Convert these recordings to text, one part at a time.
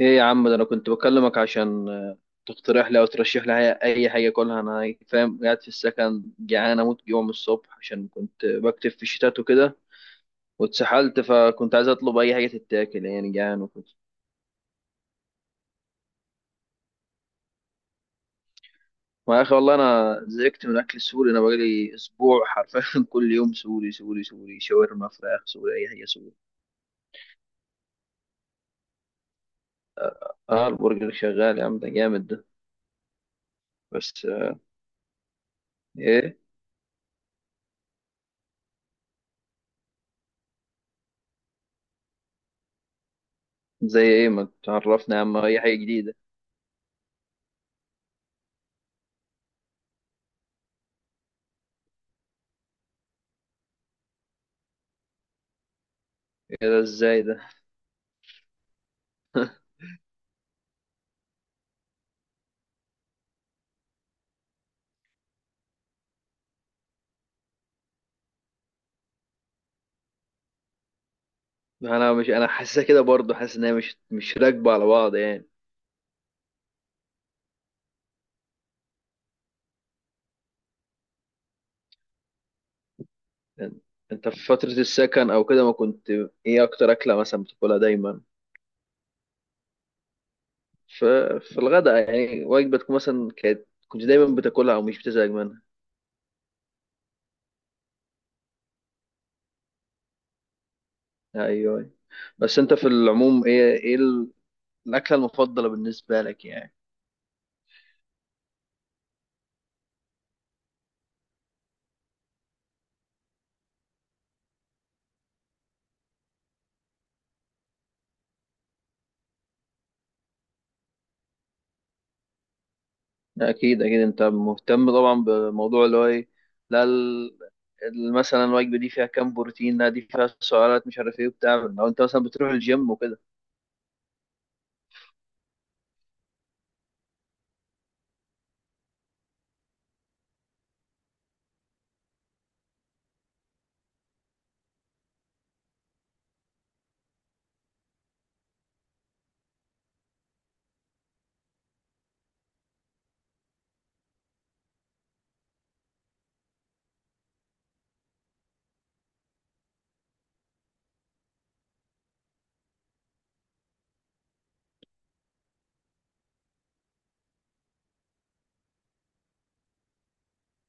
ايه يا عم ده، انا كنت بكلمك عشان تقترح لي او ترشح لي أي حاجه اكلها. انا فاهم، قاعد في السكن جعان اموت جوع من الصبح عشان كنت بكتب في الشتات وكده واتسحلت. فكنت عايز اطلب اي حاجه تتاكل يعني، جعان وكده. ما يا اخي والله انا زهقت من الاكل السوري، انا بقالي اسبوع حرفيا كل يوم سوري سوري سوري، شاورما فراخ سوري، اي حاجه سوري. اه البرجر شغال يا عم، ده جامد ده. بس ايه؟ زي ايه ما تعرفنا يا عم اي حاجه جديده. ايه ده ازاي ده؟ انا مش، انا حاسسها كده برضه، حاسس ان هي مش راكبه على بعض يعني. انت في فتره السكن او كده ما كنت، ايه اكتر اكله مثلا بتاكلها دايما؟ في في الغداء يعني وجبه تكون مثلا كانت كنت دايما بتاكلها او مش بتزهق منها؟ ايوه، أيوة. بس انت في العموم، ايه الاكله المفضله بالنسبه لك يعني؟ اكيد اكيد، انت مهتم طبعا بموضوع اللي هو ايه، لا مثلا الوجبه دي فيها كام بروتين، لا دي فيها سعرات مش عارف ايه وبتاع، لو انت مثلا بتروح الجيم وكده.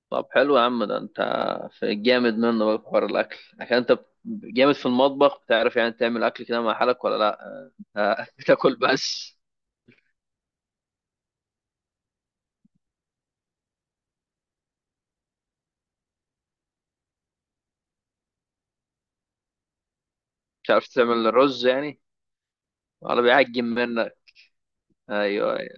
طب حلو يا عم ده، انت في جامد منه بقى في حوار الاكل عشان انت جامد في المطبخ، بتعرف يعني تعمل اكل كده مع حالك ولا لا؟ بتاكل بس؟ مش عارف تعمل الرز يعني؟ ولا بيعجن منك؟ ايوه ايوه.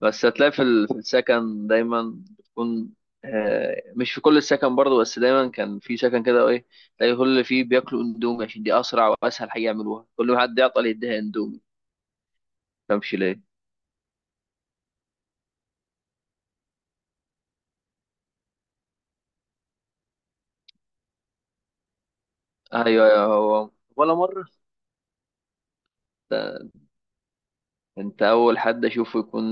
بس هتلاقي في ال-، في السكن دايما بتكون مش في كل السكن برضه، بس دايما كان في سكن كده، ايه، تلاقي كل اللي فيه بياكلوا اندومي عشان دي اسرع واسهل حاجه يعملوها، كل ما حد يعطل يديها اندومي ما. تفهمش ليه؟ ايوه ايوه هو، ولا مره. انت اول حد اشوفه يكون،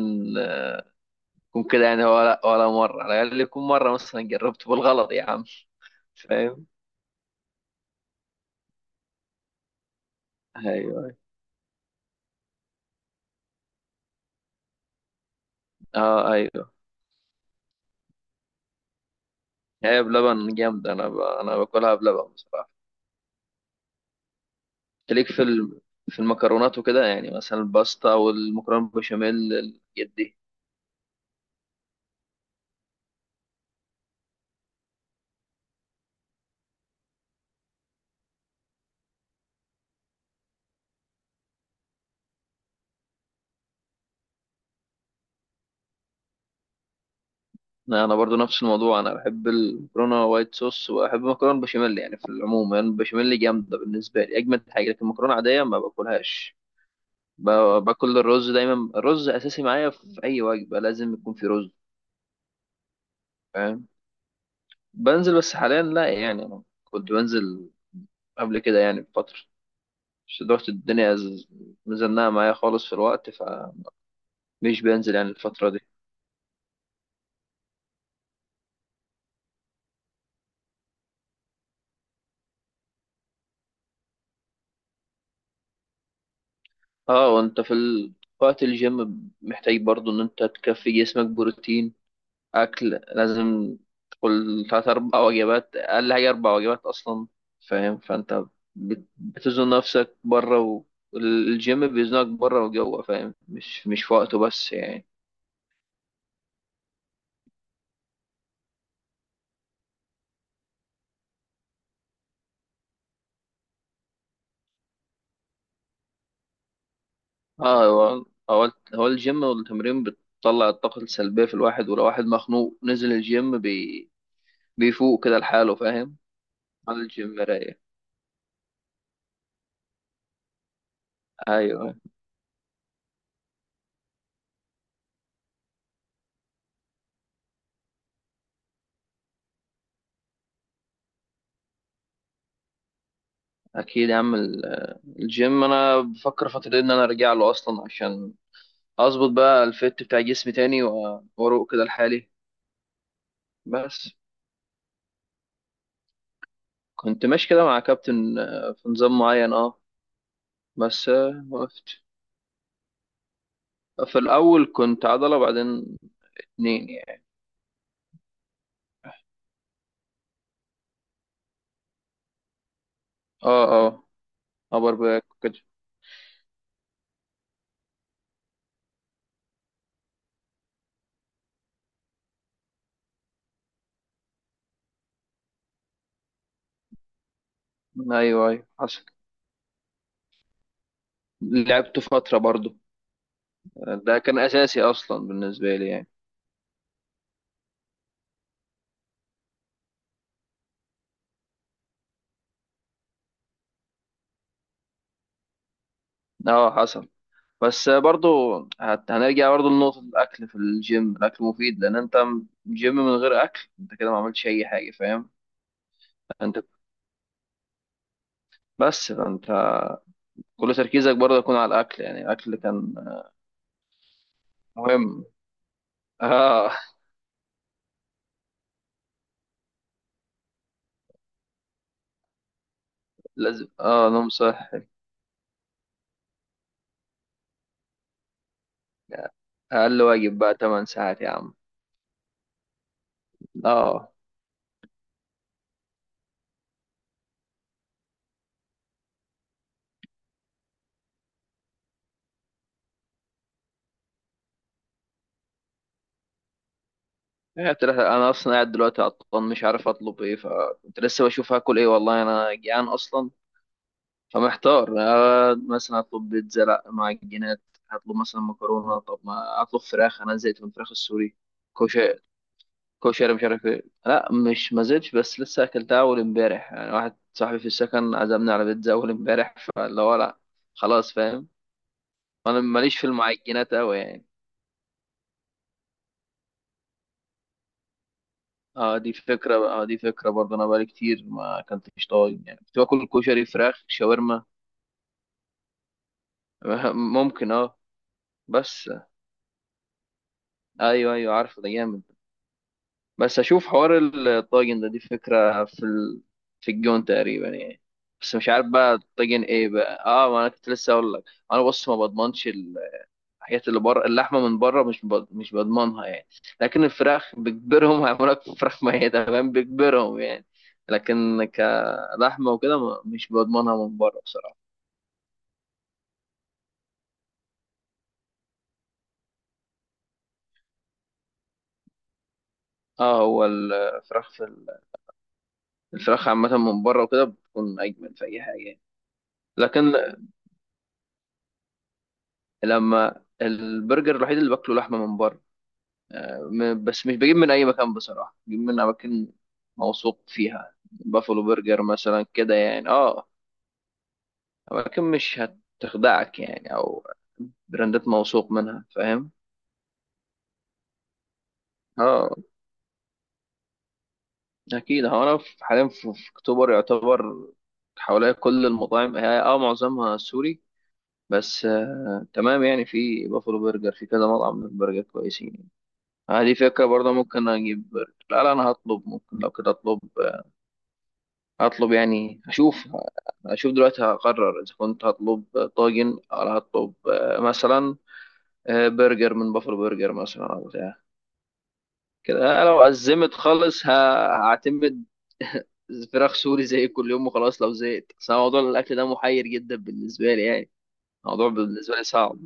يكون كده يعني، ولا مره على الاقل يكون مره مثلا جربته بالغلط يا عم. فاهم. ايوه اه ايوه. هي بلبن جامده، انا باكلها بلبن بصراحه. تليك في ال...، في المكرونات وكده يعني، مثلا الباستا والمكرونه بالبشاميل، الحاجات دي. أنا برضو نفس الموضوع، انا بحب المكرونه وايت صوص وبحب المكرونه بالبشاميل، يعني في العموم يعني البشاميل جامده بالنسبه لي اجمد حاجه، لكن المكرونه عاديه ما باكلهاش. ب- باكل الرز دايما، الرز اساسي معايا في اي وجبه لازم يكون في رز. فاهم. بنزل، بس حاليا لا يعني، انا كنت بنزل قبل كده يعني بفتره. بس دلوقتي الدنيا مزنقه معايا خالص في الوقت فمش بنزل يعني الفتره دي. اه وانت في وقت الجيم محتاج برضو ان انت تكفي جسمك بروتين، أكل. لازم تقول تلات أربع وجبات، أقل حاجة أربع وجبات أصلا. فاهم. فأنت بتزن نفسك بره، والجيم بيزنك بره وجوه. فاهم، مش في وقته بس يعني. اه هو الجيم والتمرين بتطلع الطاقة السلبية في الواحد، ولو واحد مخنوق نزل الجيم بيفوق كده لحاله. فاهم. على الجيم رايق. ايوه اكيد يا عم، الجيم انا بفكر فترة ان انا ارجع له اصلا عشان اظبط بقى الفت بتاع جسمي تاني، واروق كده لحالي. بس كنت ماشي كده مع كابتن في نظام معين، اه. بس وقفت. في الاول كنت عضله، بعدين اتنين يعني. اه اه، ابر باك كده. ايوه ايوه حصل، لعبته فتره برضو. ده كان اساسي اصلا بالنسبه لي يعني. اه حصل. بس برضو هنرجع برضو لنقطة الأكل في الجيم، الأكل مفيد، لأن أنت جيم من غير أكل، أنت كده ما عملتش أي حاجة. فاهم. أنت، بس فأنت كل تركيزك برضه يكون على الأكل، يعني الأكل كان مهم. اه لازم، نوم صح. أقل واجب بقى 8 ساعات يا عم. اه، هي بتلاقي-، أنا أصلا قاعد دلوقتي عطلان مش عارف أطلب إيه، فكنت لسه بشوف هاكل إيه والله أنا جيعان أصلا، فمحتار. آه مثلا أطلب بيتزا، لأ معجنات، هطلب مثلا مكرونة، طب ما أطلب فراخ، أنا زهقت من الفراخ السوري، كوشري، مش عارف ايه. لا مش، ما زلتش، بس لسه اكلتها اول امبارح يعني، واحد صاحبي في السكن عزمني على بيتزا اول امبارح، فاللي هو لا خلاص فاهم. انا ماليش في المعجنات قوي يعني. اه دي فكره بقى، اه دي فكره برضه، انا بقالي كتير ما اكلتش طاجن يعني، كنت باكل كشري فراخ شاورما. ممكن اه، بس ايوه ايوه عارف ده جامد. بس اشوف حوار الطاجن ده، دي فكره في ال...، في الجون تقريبا يعني. بس مش عارف بقى الطاجن ايه بقى، اه ما انا كنت لسه اقول لك، انا بص، ما بضمنش الحاجات اللي بره، اللحمه من بره مش بضمنها يعني. لكن الفراخ بيجبرهم هيعملوا لك فراخ ميته، فاهم، بيجبرهم يعني. لكن كلحمه وكده، مش بضمنها من بره بصراحه. اه هو الفراخ عامه من بره وكده بتكون اجمل في اي حاجه يعني. لكن لما البرجر الوحيد اللي باكله لحمه من بره، بس مش بجيب من اي مكان بصراحه، بجيب من اماكن موثوق فيها، بافلو برجر مثلا كده يعني اه. ولكن مش هتخدعك يعني، او براندات موثوق منها، فاهم. اه اكيد. هو انا في-، حاليا في في اكتوبر يعتبر، حواليا كل المطاعم هي اه معظمها سوري، بس تمام يعني، في بافلو برجر، في كذا مطعم من البرجر كويسين يعني. دي فكرة برضه، ممكن اجيب برجر، لا لا انا هطلب، ممكن لو كده اطلب، هطلب يعني اشوف دلوقتي هقرر اذا كنت هطلب طاجن او هطلب مثلا، برجر من بافلو برجر مثلا او بتاع كده. أنا لو أزمت خالص هعتمد فراخ سوري زي كل يوم وخلاص لو زهقت. بس أنا موضوع الأكل ده محير جدا بالنسبة لي يعني، الموضوع بالنسبة لي صعب.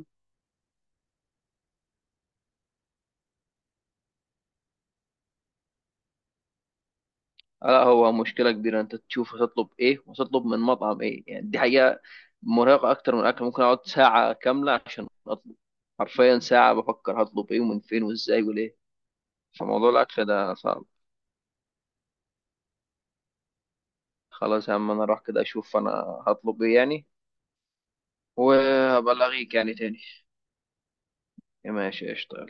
لا هو مشكلة كبيرة، أنت تشوف هتطلب إيه وتطلب من مطعم إيه، يعني دي حقيقة مرهقة أكتر من الأكل، ممكن أقعد ساعة كاملة عشان أطلب. حرفيا ساعة بفكر هطلب إيه ومن فين وإزاي وليه. فموضوع الأكل ده صعب. خلاص يا عم أنا أروح كده أشوف أنا هطلب إيه يعني، وأبلغيك يعني تاني. ماشي قشطة.